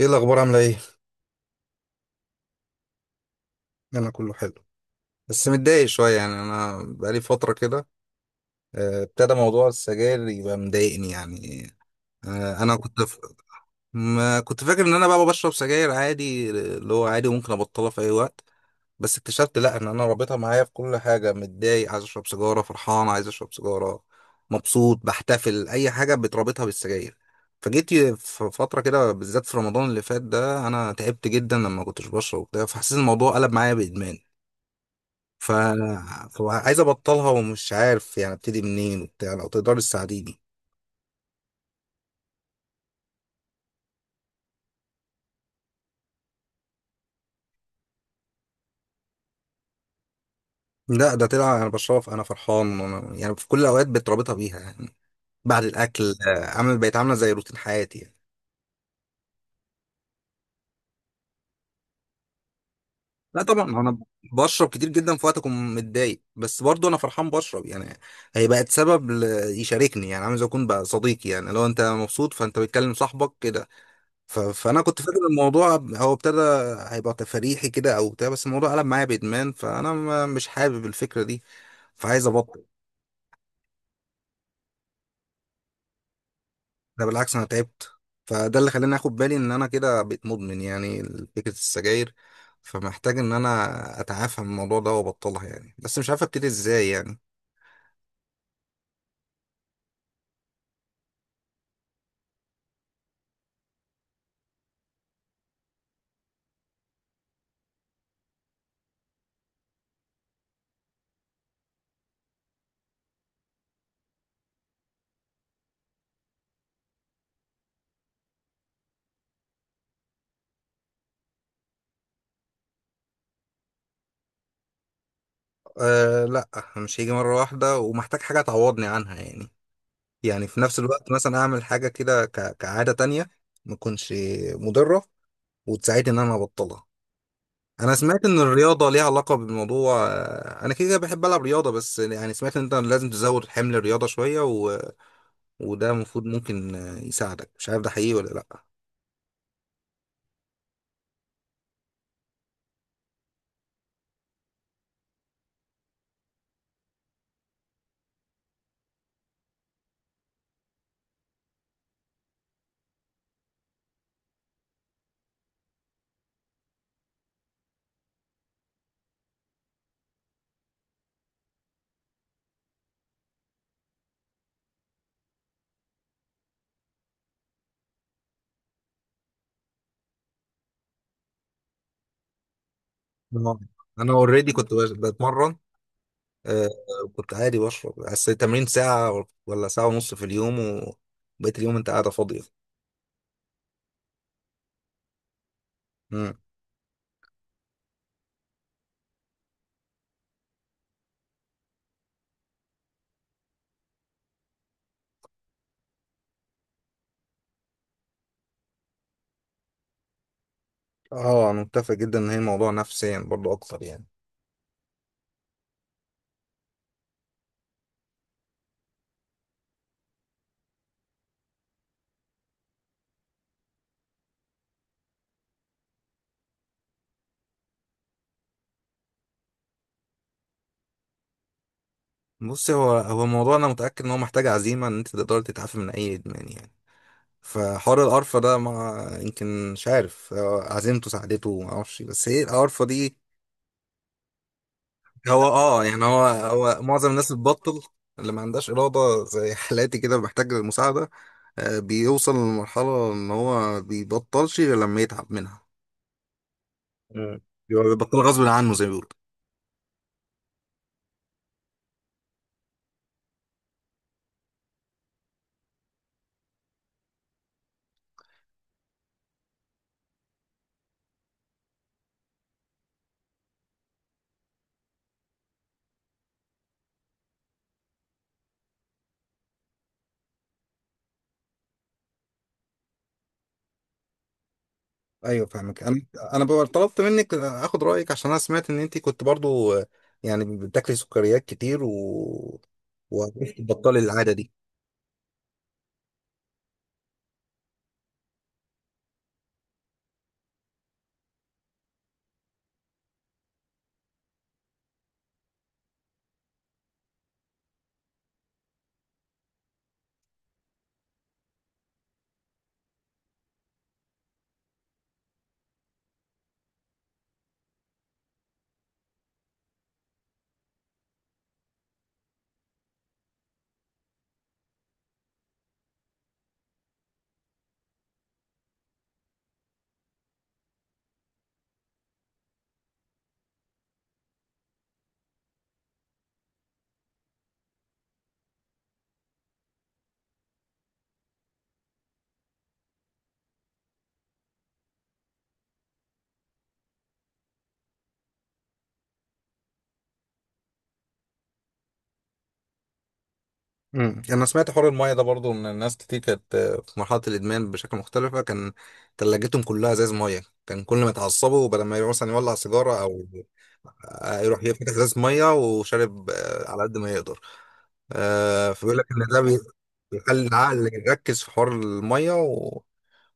ايه الاخبار عامله ايه؟ انا كله حلو. بس متضايق شويه يعني انا بقالي فتره كده. ابتدى موضوع السجاير يبقى مضايقني يعني. انا كنت ما كنت فاكر ان انا بقى بشرب سجاير عادي اللي هو عادي وممكن ابطلها في اي وقت. بس اكتشفت لا ان انا رابطها معايا في كل حاجه، متضايق عايز اشرب سيجاره، فرحان عايز اشرب سيجاره، مبسوط، بحتفل اي حاجه بتربطها بالسجاير. فجيت في فترة كده بالذات في رمضان اللي فات ده، أنا تعبت جدا لما كنتش بشرب وبتاع، فحسيت الموضوع قلب معايا بإدمان. ف... فعايز ابطلها ومش عارف يعني ابتدي منين وبتاع، لو تقدر تساعديني. لا ده طلع انا بشرب انا فرحان، وأنا يعني في كل الاوقات بتربطها بيها يعني. بعد الاكل عامل، بقت عامله زي روتين حياتي يعني. لا طبعا انا بشرب كتير جدا في وقت اكون متضايق، بس برضو انا فرحان بشرب يعني. هي بقت سبب يشاركني يعني، عامل زي اكون بقى صديقي يعني، لو انت مبسوط فانت بتكلم صاحبك كده. فانا كنت فاكر الموضوع هو ابتدى، هيبقى تفريحي كده او بتاع، بس الموضوع قلب معايا بادمان، فانا مش حابب الفكره دي. فعايز ابطل. ده بالعكس، انا تعبت، فده اللي خلاني اخد بالي ان انا كده بقيت مدمن يعني، فكره السجاير. فمحتاج ان انا اتعافى من الموضوع ده وابطلها يعني، بس مش عارف ابتدي ازاي يعني. أه لا، مش هيجي مره واحده ومحتاج حاجه تعوضني عنها يعني، يعني في نفس الوقت مثلا اعمل حاجه كده كعاده تانية، ما تكونش مضره وتساعدني ان انا ابطلها. انا سمعت ان الرياضه ليها علاقه بالموضوع. انا كده كده بحب العب رياضه، بس يعني سمعت ان انت لازم تزود حمل الرياضه شويه وده المفروض ممكن يساعدك، مش عارف ده حقيقي ولا لا. آه. انا اوريدي كنت بتمرن. آه، كنت عادي بشرب، بس التمرين ساعه ولا ساعه ونص في اليوم، وبقيت اليوم انت قاعده فاضيه. مم. اه انا متفق جدا ان هي موضوع نفسيا برضو اكتر يعني. بص، هو هو الموضوع، انا متاكد ان هو محتاج عزيمه ان انت تقدر تتعافى من اي ادمان يعني. فحوار القرفة ده ما يمكن، مش عارف هو عزيمته ساعدته، ما اعرفش، بس هي القرفة دي. هو اه يعني هو هو معظم الناس اللي بتبطل اللي ما عندهاش إرادة زي حالاتي كده محتاج للمساعدة. بيوصل لمرحلة إن هو بيبطلش غير لما يتعب منها. مم. بيبقى بيبطل غصب عنه زي ما بيقولوا. ايوه فاهمك انا. انا بقى طلبت منك اخد رايك عشان انا سمعت ان انت كنت برضو، يعني بتاكلي سكريات كتير، و وعرفتي تبطلي العاده دي. انا سمعت حوار المايه ده برضو من الناس كتير، كانت في مرحله الادمان بشكل مختلفه، كان تلاجتهم كلها ازاز مايه، كان كل ما يتعصبوا بدل ما يروح مثلا يولع سيجاره، او يروح يفتح ازاز مايه وشارب على قد ما يقدر. فبيقول لك ان ده بيخلي العقل يركز في حوار المايه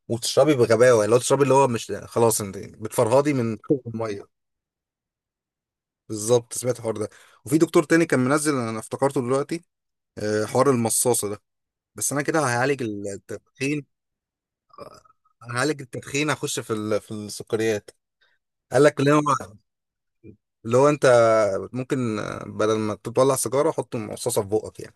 وتشربي بغباوه اللي هو تشربي اللي هو مش خلاص، انت بتفرهدي من المايه. بالظبط، سمعت الحوار ده. وفي دكتور تاني كان منزل انا افتكرته دلوقتي، حوار المصاصه ده. بس انا كده هعالج التدخين، هعالج التدخين هخش في في السكريات. قال لك اللي هو، اللي هو انت ممكن بدل ما تطلع سيجاره حط مصاصه في بقك يعني.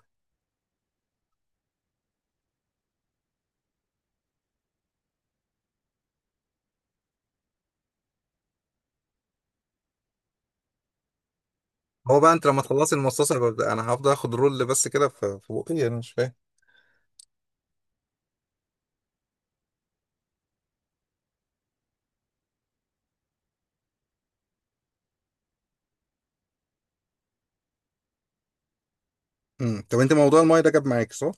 هو بقى انت لما تخلصي المصاصه يبقى انا هفضل اخد رول بس كده في بقي؟ انا مش فاهم. طب انت موضوع المايه ده جاب معاك صح؟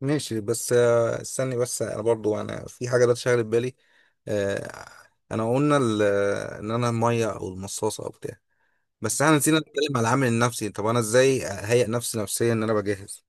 ماشي، بس استني، بس انا برضو انا في حاجه ده شاغله بالي. آه، انا قلنا ان انا المايه او المصاصه او بتاع، بس احنا نسينا نتكلم على العامل النفسي. طب انا ازاي اهيئ نفسي نفسيا ان انا بجهز؟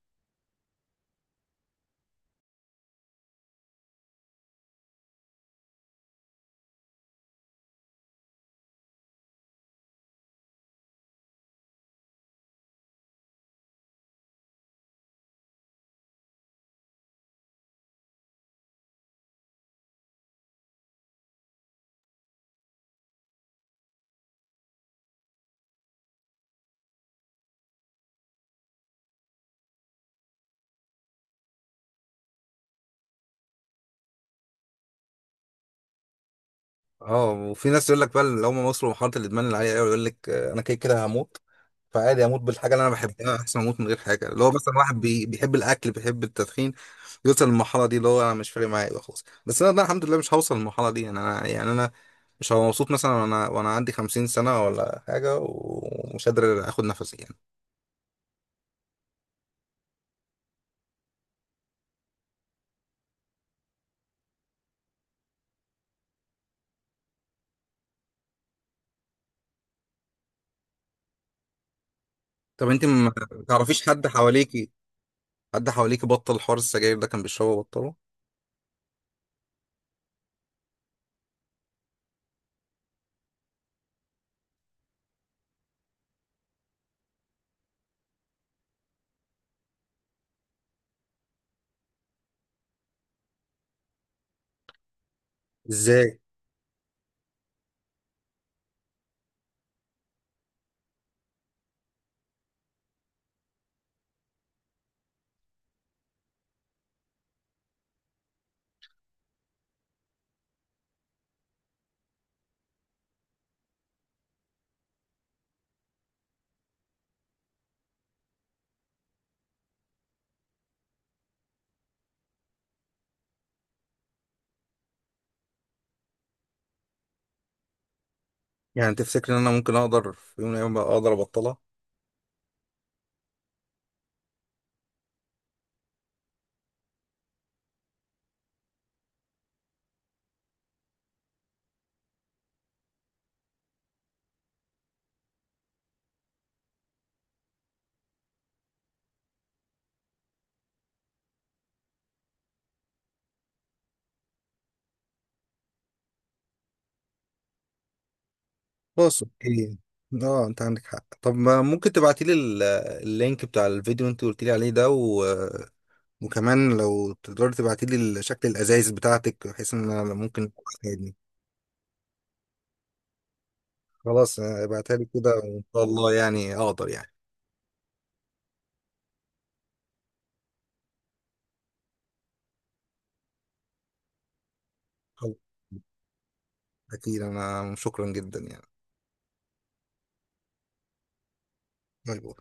اه، وفي ناس يقول لك بقى اللي هم وصلوا لمرحله الادمان العاليه قوي يقول لك انا كده كده هموت، فعادي اموت بالحاجه اللي انا بحبها احسن ما اموت من غير حاجه، اللي هو مثلا واحد بيحب الاكل بيحب التدخين، يوصل للمرحله دي اللي هو انا مش فارق معايا يبقى خلاص. بس انا ده الحمد لله مش هوصل للمرحله دي يعني، انا يعني انا مش هبقى مبسوط مثلا وانا عندي 50 سنه ولا حاجه ومش قادر اخد نفسي يعني. طب انت ما تعرفيش حد حواليكي بطل حوار السجاير ده، كان بيشربه بطله؟ ازاي يعني؟ تفتكر ان انا ممكن اقدر في يوم من الايام أبقى اقدر ابطلها؟ خلاص اوكي. اه انت عندك حق. طب ما ممكن تبعتي لي اللينك بتاع الفيديو اللي انت قلت لي عليه ده، وكمان لو تقدري تبعتي لي شكل الازايز بتاعتك بحيث ان انا ممكن تساعدني. خلاص، ابعتها لي كده وان شاء الله يعني اقدر يعني. خلاص اكيد، انا شكرا جدا يعني. باي باي.